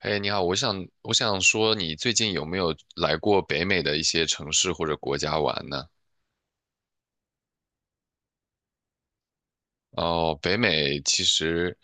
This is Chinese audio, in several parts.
嘿，你好，我想说，你最近有没有来过北美的一些城市或者国家玩呢？哦，北美其实，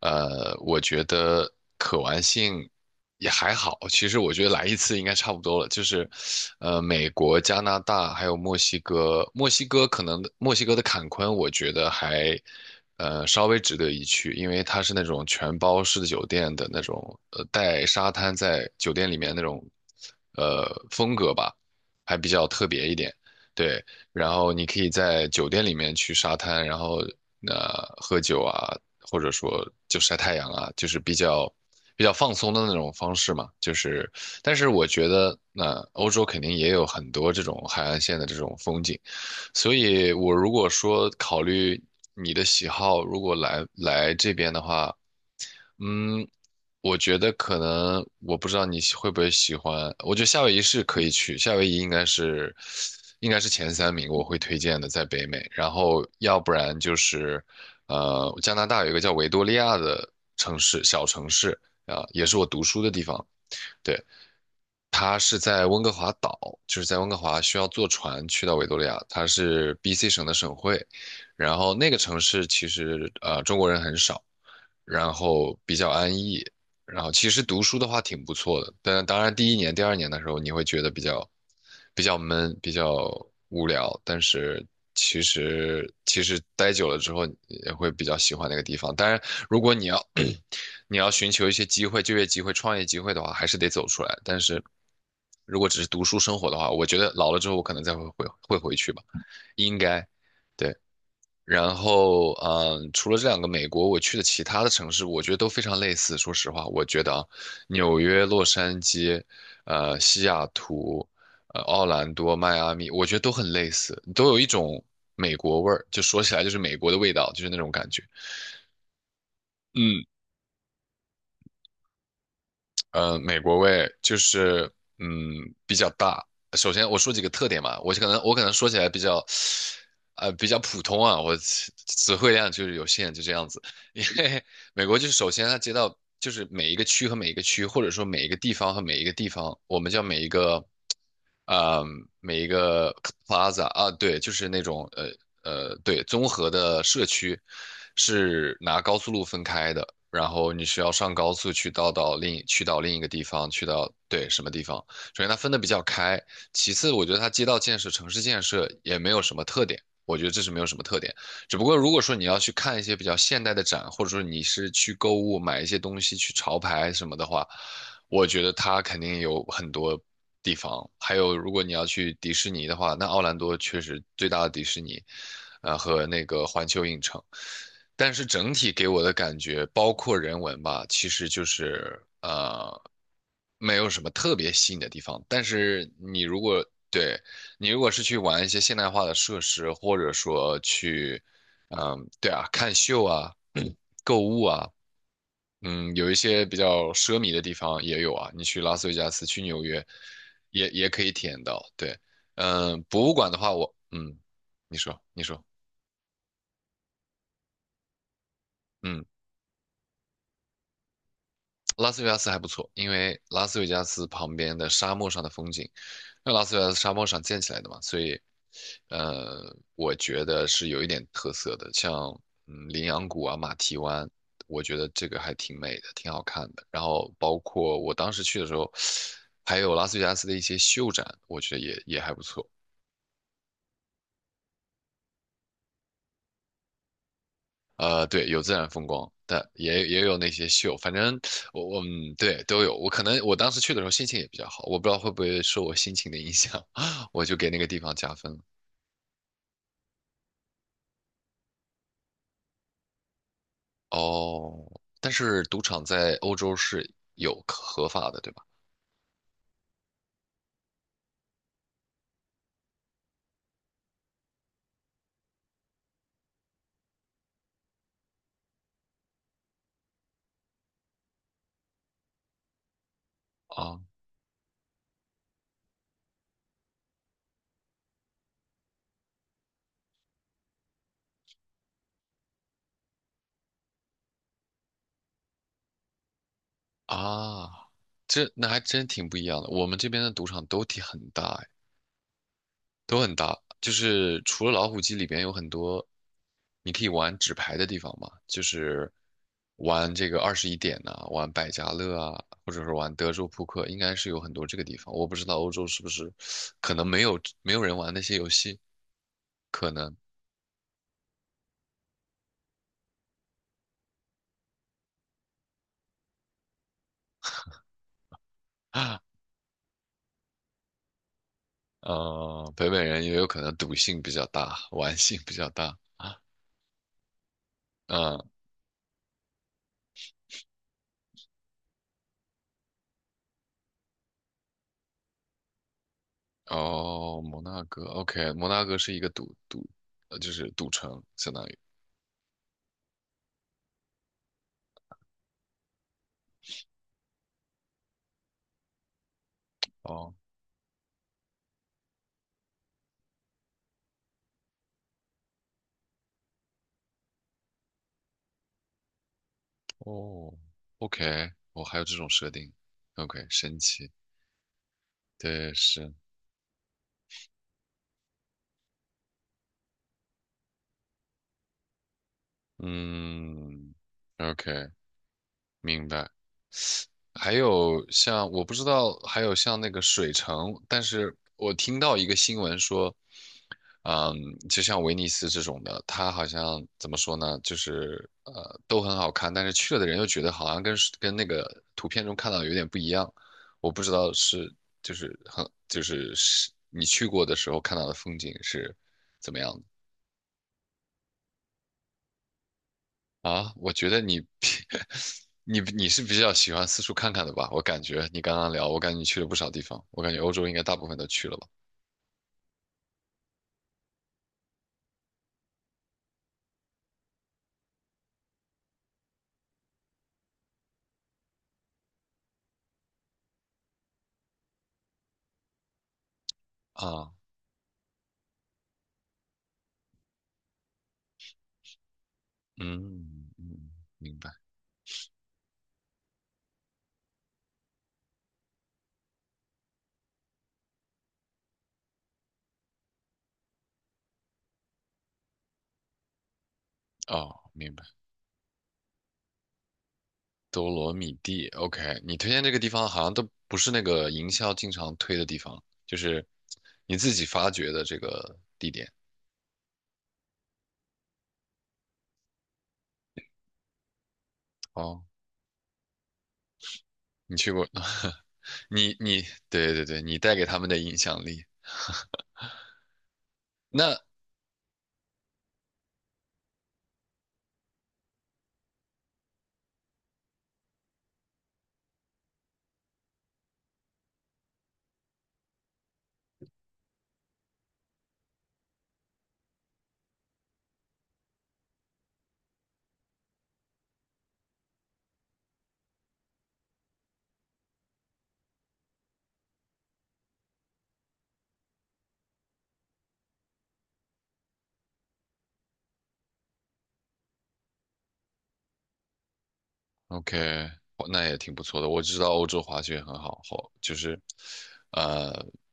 我觉得可玩性也还好。其实我觉得来一次应该差不多了。就是，美国、加拿大还有墨西哥，墨西哥可能墨西哥的坎昆，我觉得还，稍微值得一去，因为它是那种全包式的酒店的那种，带沙滩在酒店里面那种，风格吧，还比较特别一点。对，然后你可以在酒店里面去沙滩，然后喝酒啊，或者说就晒太阳啊，就是比较放松的那种方式嘛。就是，但是我觉得欧洲肯定也有很多这种海岸线的这种风景，所以我如果说考虑你的喜好，如果来这边的话。嗯，我觉得可能我不知道你会不会喜欢，我觉得夏威夷是可以去，夏威夷应该是前三名我会推荐的，在北美。然后要不然就是加拿大有一个叫维多利亚的城市，小城市啊，也是我读书的地方。对，它是在温哥华岛，就是在温哥华需要坐船去到维多利亚，它是 BC 省的省会。然后那个城市其实中国人很少。然后比较安逸，然后其实读书的话挺不错的，但当然第一年、第二年的时候你会觉得比较闷、比较无聊，但是其实待久了之后也会比较喜欢那个地方。当然，如果你要 你要寻求一些机会、就业机会、创业机会的话，还是得走出来。但是如果只是读书生活的话，我觉得老了之后我可能再会回会回去吧，应该，对。然后，嗯，除了这两个美国，我去的其他的城市，我觉得都非常类似。说实话，我觉得啊，纽约、洛杉矶、西雅图、奥兰多、迈阿密，我觉得都很类似，都有一种美国味儿，就说起来就是美国的味道，就是那种感觉。嗯，美国味就是嗯比较大。首先我说几个特点吧，我可能说起来比较，比较普通啊，我词汇量就是有限，就这样子。因为美国就是首先它街道就是每一个区和每一个区，或者说每一个地方和每一个地方，我们叫每一个呃，每一个 plaza 啊，对，就是那种对，综合的社区是拿高速路分开的，然后你需要上高速去到另一个地方，去到对什么地方。首先它分的比较开，其次我觉得它街道建设、城市建设也没有什么特点。我觉得这是没有什么特点，只不过如果说你要去看一些比较现代的展，或者说你是去购物买一些东西去潮牌什么的话，我觉得它肯定有很多地方。还有，如果你要去迪士尼的话，那奥兰多确实最大的迪士尼，和那个环球影城。但是整体给我的感觉，包括人文吧，其实就是没有什么特别吸引的地方。但是你如果对你如果是去玩一些现代化的设施，或者说去，嗯，对啊，看秀啊，购物啊，嗯，有一些比较奢靡的地方也有啊。你去拉斯维加斯，去纽约，也可以体验到。对，嗯，博物馆的话，我嗯，你说，嗯，拉斯维加斯还不错，因为拉斯维加斯旁边的沙漠上的风景那拉斯维加斯沙漠上建起来的嘛，所以，我觉得是有一点特色的，像嗯羚羊谷啊、马蹄湾，我觉得这个还挺美的，挺好看的。然后包括我当时去的时候，还有拉斯维加斯的一些秀展，我觉得也还不错。对，有自然风光，但也有那些秀，反正我嗯对都有。我可能我当时去的时候心情也比较好，我不知道会不会受我心情的影响，我就给那个地方加分了。哦，但是赌场在欧洲是有合法的，对吧？啊啊，这那还真挺不一样的。我们这边的赌场都挺很大，哎，都很大。就是除了老虎机里边有很多你可以玩纸牌的地方嘛，就是玩这个二十一点呐、玩百家乐啊，或者是玩德州扑克，应该是有很多这个地方。我不知道欧洲是不是可能没有人玩那些游戏，可能。啊。北美人也有可能赌性比较大，玩性比较大。啊。嗯，哦，摩纳哥，OK，摩纳哥是一个赌赌，呃，就是赌城，相当于。哦哦，OK，我还有这种设定，OK，神奇，对，是，嗯，OK，明白。还有像我不知道，还有像那个水城，但是我听到一个新闻说，嗯，就像威尼斯这种的，它好像怎么说呢，就是都很好看，但是去了的人又觉得好像跟那个图片中看到的有点不一样，我不知道是就是很就是是你去过的时候看到的风景是怎么样的啊？我觉得你 你是比较喜欢四处看看的吧？我感觉你刚刚聊，我感觉你去了不少地方，我感觉欧洲应该大部分都去了吧？啊，嗯嗯，嗯明白哦，明白。多罗米蒂，OK，你推荐这个地方好像都不是那个营销经常推的地方，就是你自己发掘的这个地点。哦，你去过，你对对对，你带给他们的影响力。那 OK,哦那也挺不错的。我知道欧洲滑雪很好，好就是呃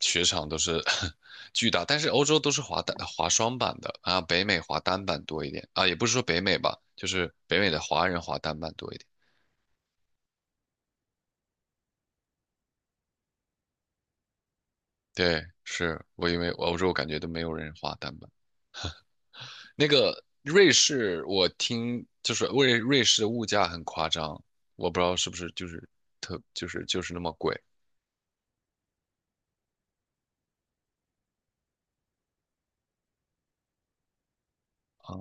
雪场都是 巨大，但是欧洲都是滑双板的啊，北美滑单板多一点啊，也不是说北美吧，就是北美的华人滑单板多一点。对，是我因为欧洲感觉都没有人花单板。那个瑞士，我听就是瑞士的物价很夸张，我不知道是不是就是特就是就是那么贵啊，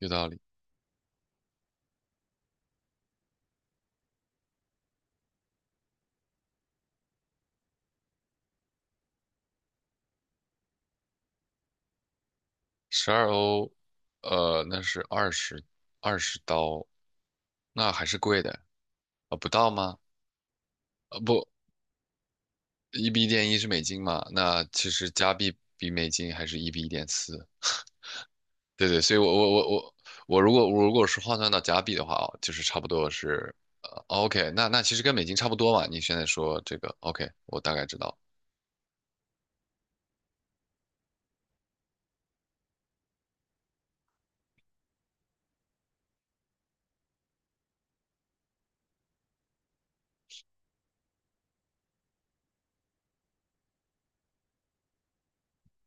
有道理。十二欧，那是二十刀，那还是贵的啊，不到吗？呃，不，一比一点一是美金嘛，那其实加币比美金还是一比一点四，对对，所以我如果是换算到加币的话，就是差不多是，呃，OK，那那其实跟美金差不多嘛。你现在说这个，OK，我大概知道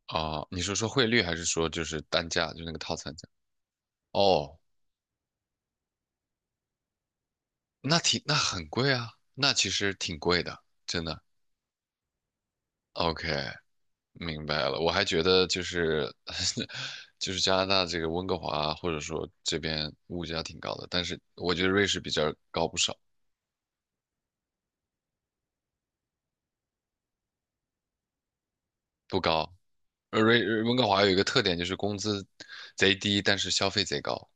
啊，你是说汇率还是说就是单价，就那个套餐价？哦，那挺那很贵啊，那其实挺贵的，真的。OK，明白了。我还觉得就是 就是加拿大这个温哥华或者说这边物价挺高的，但是我觉得瑞士比这儿高不少，不高。呃瑞呃温哥华有一个特点就是工资贼低，但是消费贼高。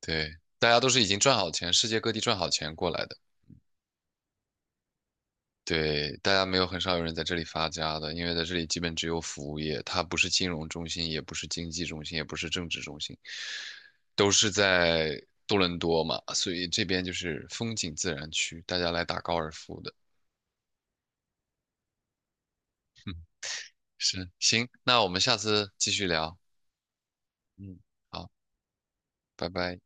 对，大家都是已经赚好钱，世界各地赚好钱过来的。对，大家没有很少有人在这里发家的，因为在这里基本只有服务业，它不是金融中心，也不是经济中心，也不是政治中心，都是在多伦多嘛，所以这边就是风景自然区，大家来打高尔夫的。嗯，是，行，那我们下次继续聊。嗯，好，拜拜。